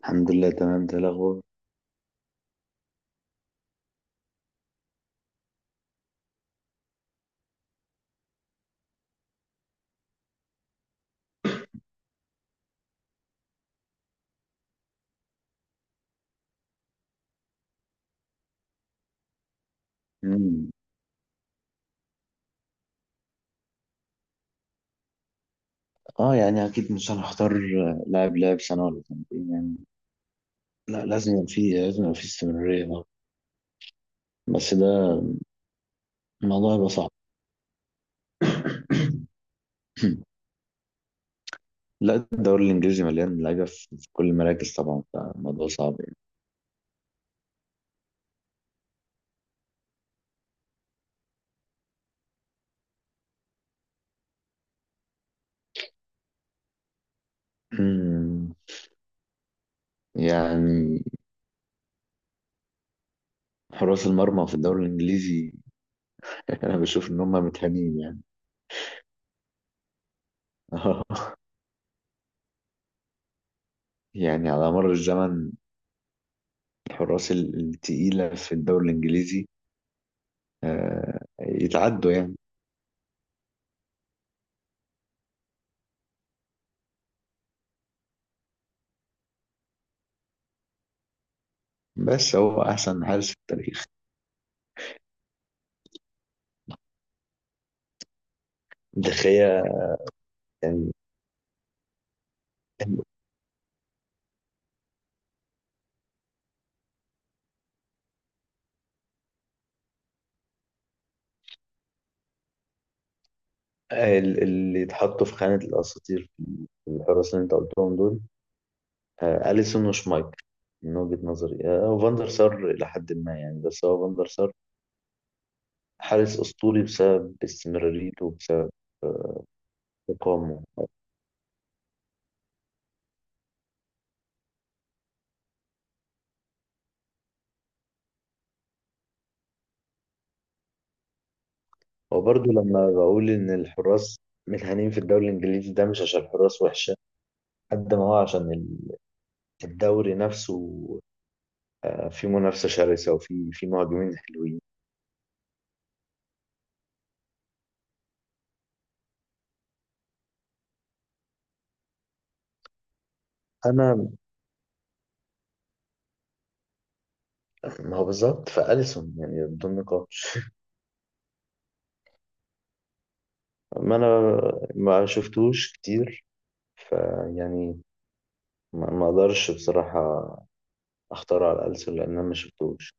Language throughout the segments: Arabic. الحمد لله، تمام. ده الأخبار. مم. اه، يعني أكيد مش هنختار لاعب سنة ولا سنتين، يعني. لا، لازم يبقى فيه، استمرارية اه بس ده، الموضوع هيبقى صعب. لا، الدوري الإنجليزي مليان لعيبة في كل المراكز طبعا، فالموضوع صعب يعني. مم. يعني حراس المرمى في الدوري الإنجليزي، أنا بشوف إن هم متهانين، يعني. يعني على مر الزمن، الحراس التقيلة في الدوري الإنجليزي يتعدوا يعني. بس هو أحسن حارس في التاريخ. دخيا. يعني اللي اتحطوا في خانة الأساطير، في الحراس اللي أنت قلتهم دول، أليسون وشمايكل. من وجهة نظري، فاندر سار إلى حد ما، يعني، بس هو فاندر سار حارس أسطوري بسبب استمراريته، وبسبب آه، إقامه. وبرضه، لما بقول إن الحراس متهانين في الدوري الإنجليزي، ده مش عشان الحراس وحشة، قد ما هو عشان الدوري نفسه. فيه منافسة شرسة، وفيه مهاجمين حلوين. أنا ما هو بالظبط، فأليسون يعني بدون نقاش. ما أنا ما شفتوش كتير، فيعني ما أقدرش بصراحة أختار على أليسون، لأن أنا ما شفتوش.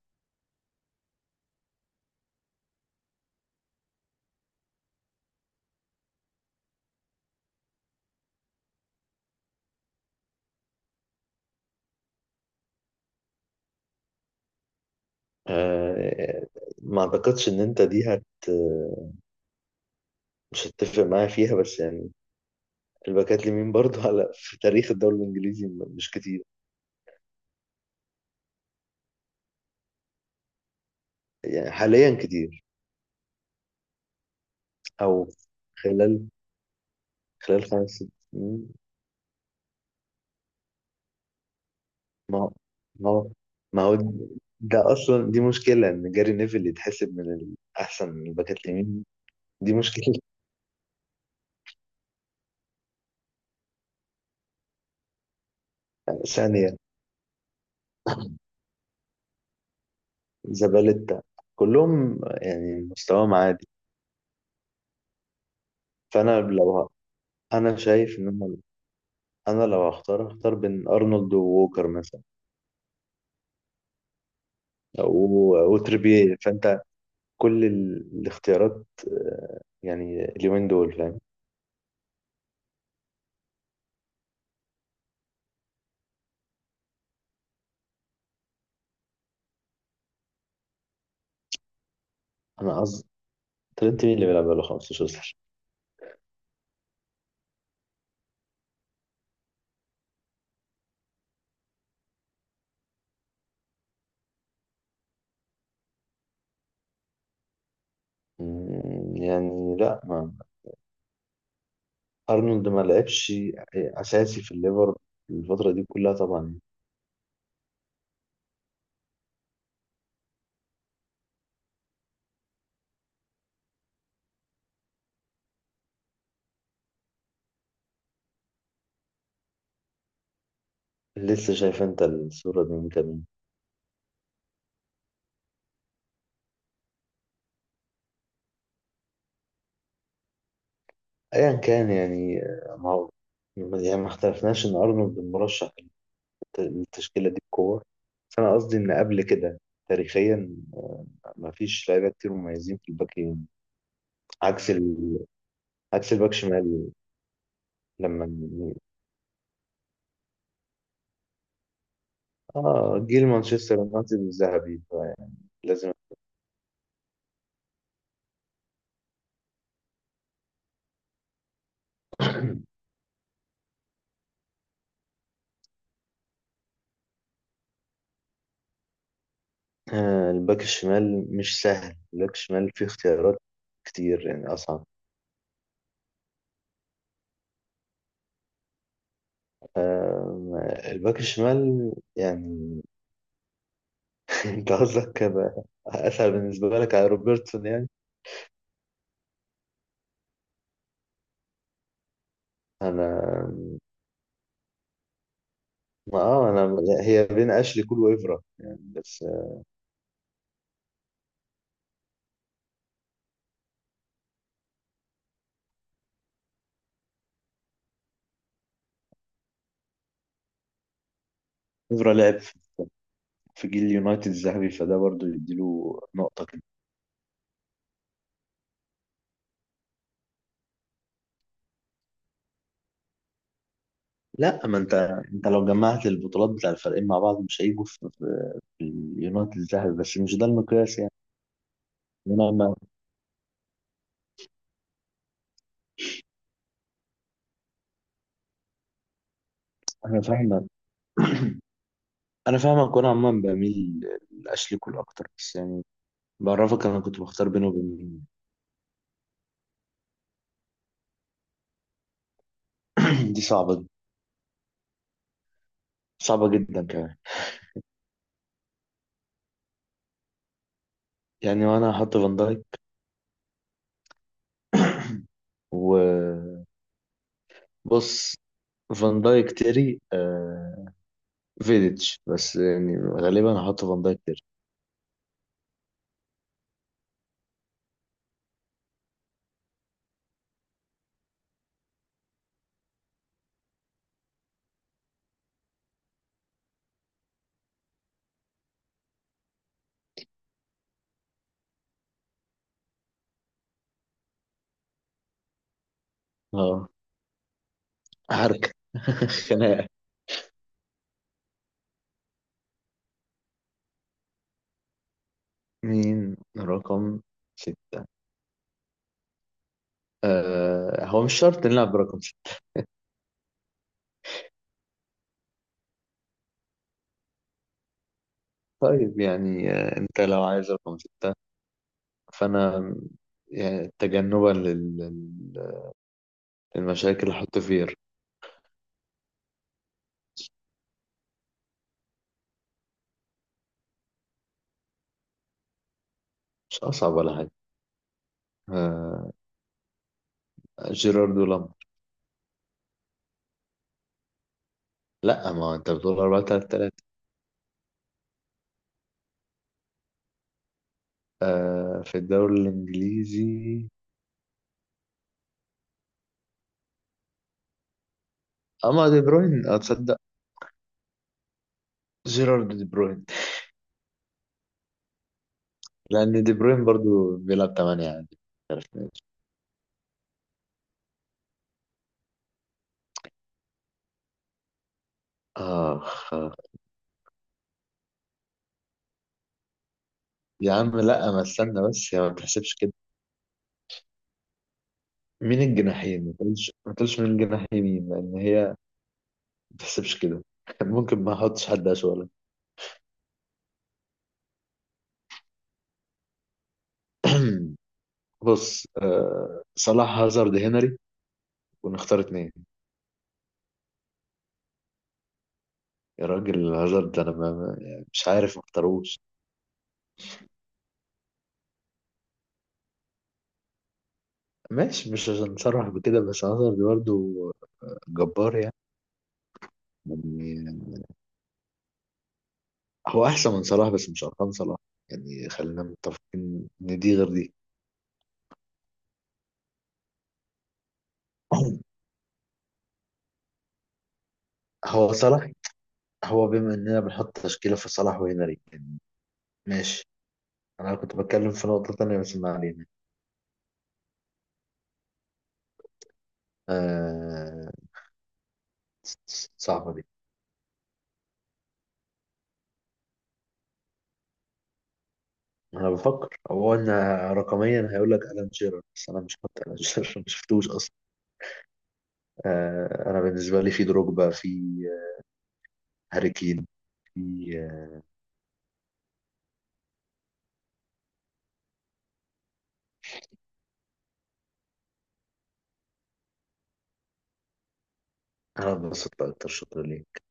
أه، ما أعتقدش إن أنت دي مش هتتفق معايا فيها، بس يعني الباكات اليمين برضه، على، في تاريخ الدوري الإنجليزي، مش كتير. يعني حاليا كتير، أو خلال خلال 5 سنين. ما هو ما هو ما هو، ده اصلا، دي مشكله ان جاري نيفل اللي يتحسب من الاحسن الباكات اليمين. دي مشكله. ثانيه. زبالتا. كلهم يعني مستواهم عادي. فانا لو انا شايف ان أنا لو هختار بين ارنولد ووكر مثلا، وتريبيه، فانت كل الاختيارات يعني اليومين دول، فاهم؟ انا قصدي، ترينت مين اللي بيلعب بقاله 15؟ يعني لا، ارنولد ما لعبش اساسي في الليفر الفتره دي كلها طبعا. لسه شايف انت الصوره دي من كام يوم. ايا كان، يعني ما هو، يعني ما اختلفناش ان ارنولد مرشح للتشكيله دي بقوه. بس انا قصدي ان قبل كده، تاريخيا، ما فيش لعيبه كتير مميزين في الباك يمين، عكس ال... عكس الباك شمال. لما ن- اه، جيل مانشستر يونايتد الذهبي، فيعني لازم. الباك الشمال مش سهل. الباك الشمال فيه اختيارات كتير، يعني أصعب. آم، الباك الشمال، يعني، انت قصدك هيبقى اسهل بالنسبه لك على روبرتسون، يعني؟ انا ما اه انا هي بين اشلي كول وافرا، يعني، بس. افرا لعب في جيل اليونايتد الذهبي، فده برضو يديله نقطه كده. لا، ما انت لو جمعت البطولات بتاع الفريقين مع بعض، مش هيجوا في اليونايتد الذهبي، بس مش ده المقياس يعني. انا ما انا فاهمك. انا فاهمك، وانا عموما بميل لاشلي كول اكتر، بس يعني بعرفك، انا كنت بختار بينه وبين. دي صعبة، صعبة جدا كمان. يعني وانا هحط فان دايك، وبص، فان دايك، تيري، فيديتش، بس يعني غالبا هحط فان دايك تيري. اه. حركة. خناقة. مين رقم 6؟ هو مش شرط نلعب برقم 6. طيب، يعني انت لو عايز رقم 6، فانا، يعني تجنبا للمشاكل اللي هحط فيها. مش اصعب ولا حاجة. آه جيرارد ولامب. لا، ما انت بتقول 4 3 3؟ في الدوري الانجليزي. اما دي بروين، اتصدق، جيرارد دي بروين، لان دي بروين برضو بيلعب 8 عادي. عارف ليه؟ آه، آه. يا عم لا، ما استنى بس يا، ما تحسبش كده. مين الجناحين؟ ما تقولش مين الجناح يمين، لان هي ما تحسبش كده. ممكن ما احطش حد اسوأ. بص، صلاح، هازارد، هنري، ونختار اتنين. يا راجل، هازارد، انا ما يعني، مش عارف ما اختاروش. ماشي، مش عشان صلاح بكده، بس هازارد برضه جبار، يعني. يعني هو احسن من صلاح، بس مش ارقام صلاح. يعني خلينا متفقين ان دي غير دي. هو صلاح، هو بما اننا بنحط تشكيله في صلاح وهنري، يعني ماشي. انا كنت بتكلم في نقطه تانية، بس ما علينا. آه صعبه دي. انا بفكر، هو ان رقميا هيقول لك الان شيرر، بس انا مش حاطط الان شيرر. ما شفتوش اصلا. انا بالنسبه لي، في دروجبا، في هاري كين، في. آه، انا اتبسطت اكتر، شكرا ليك.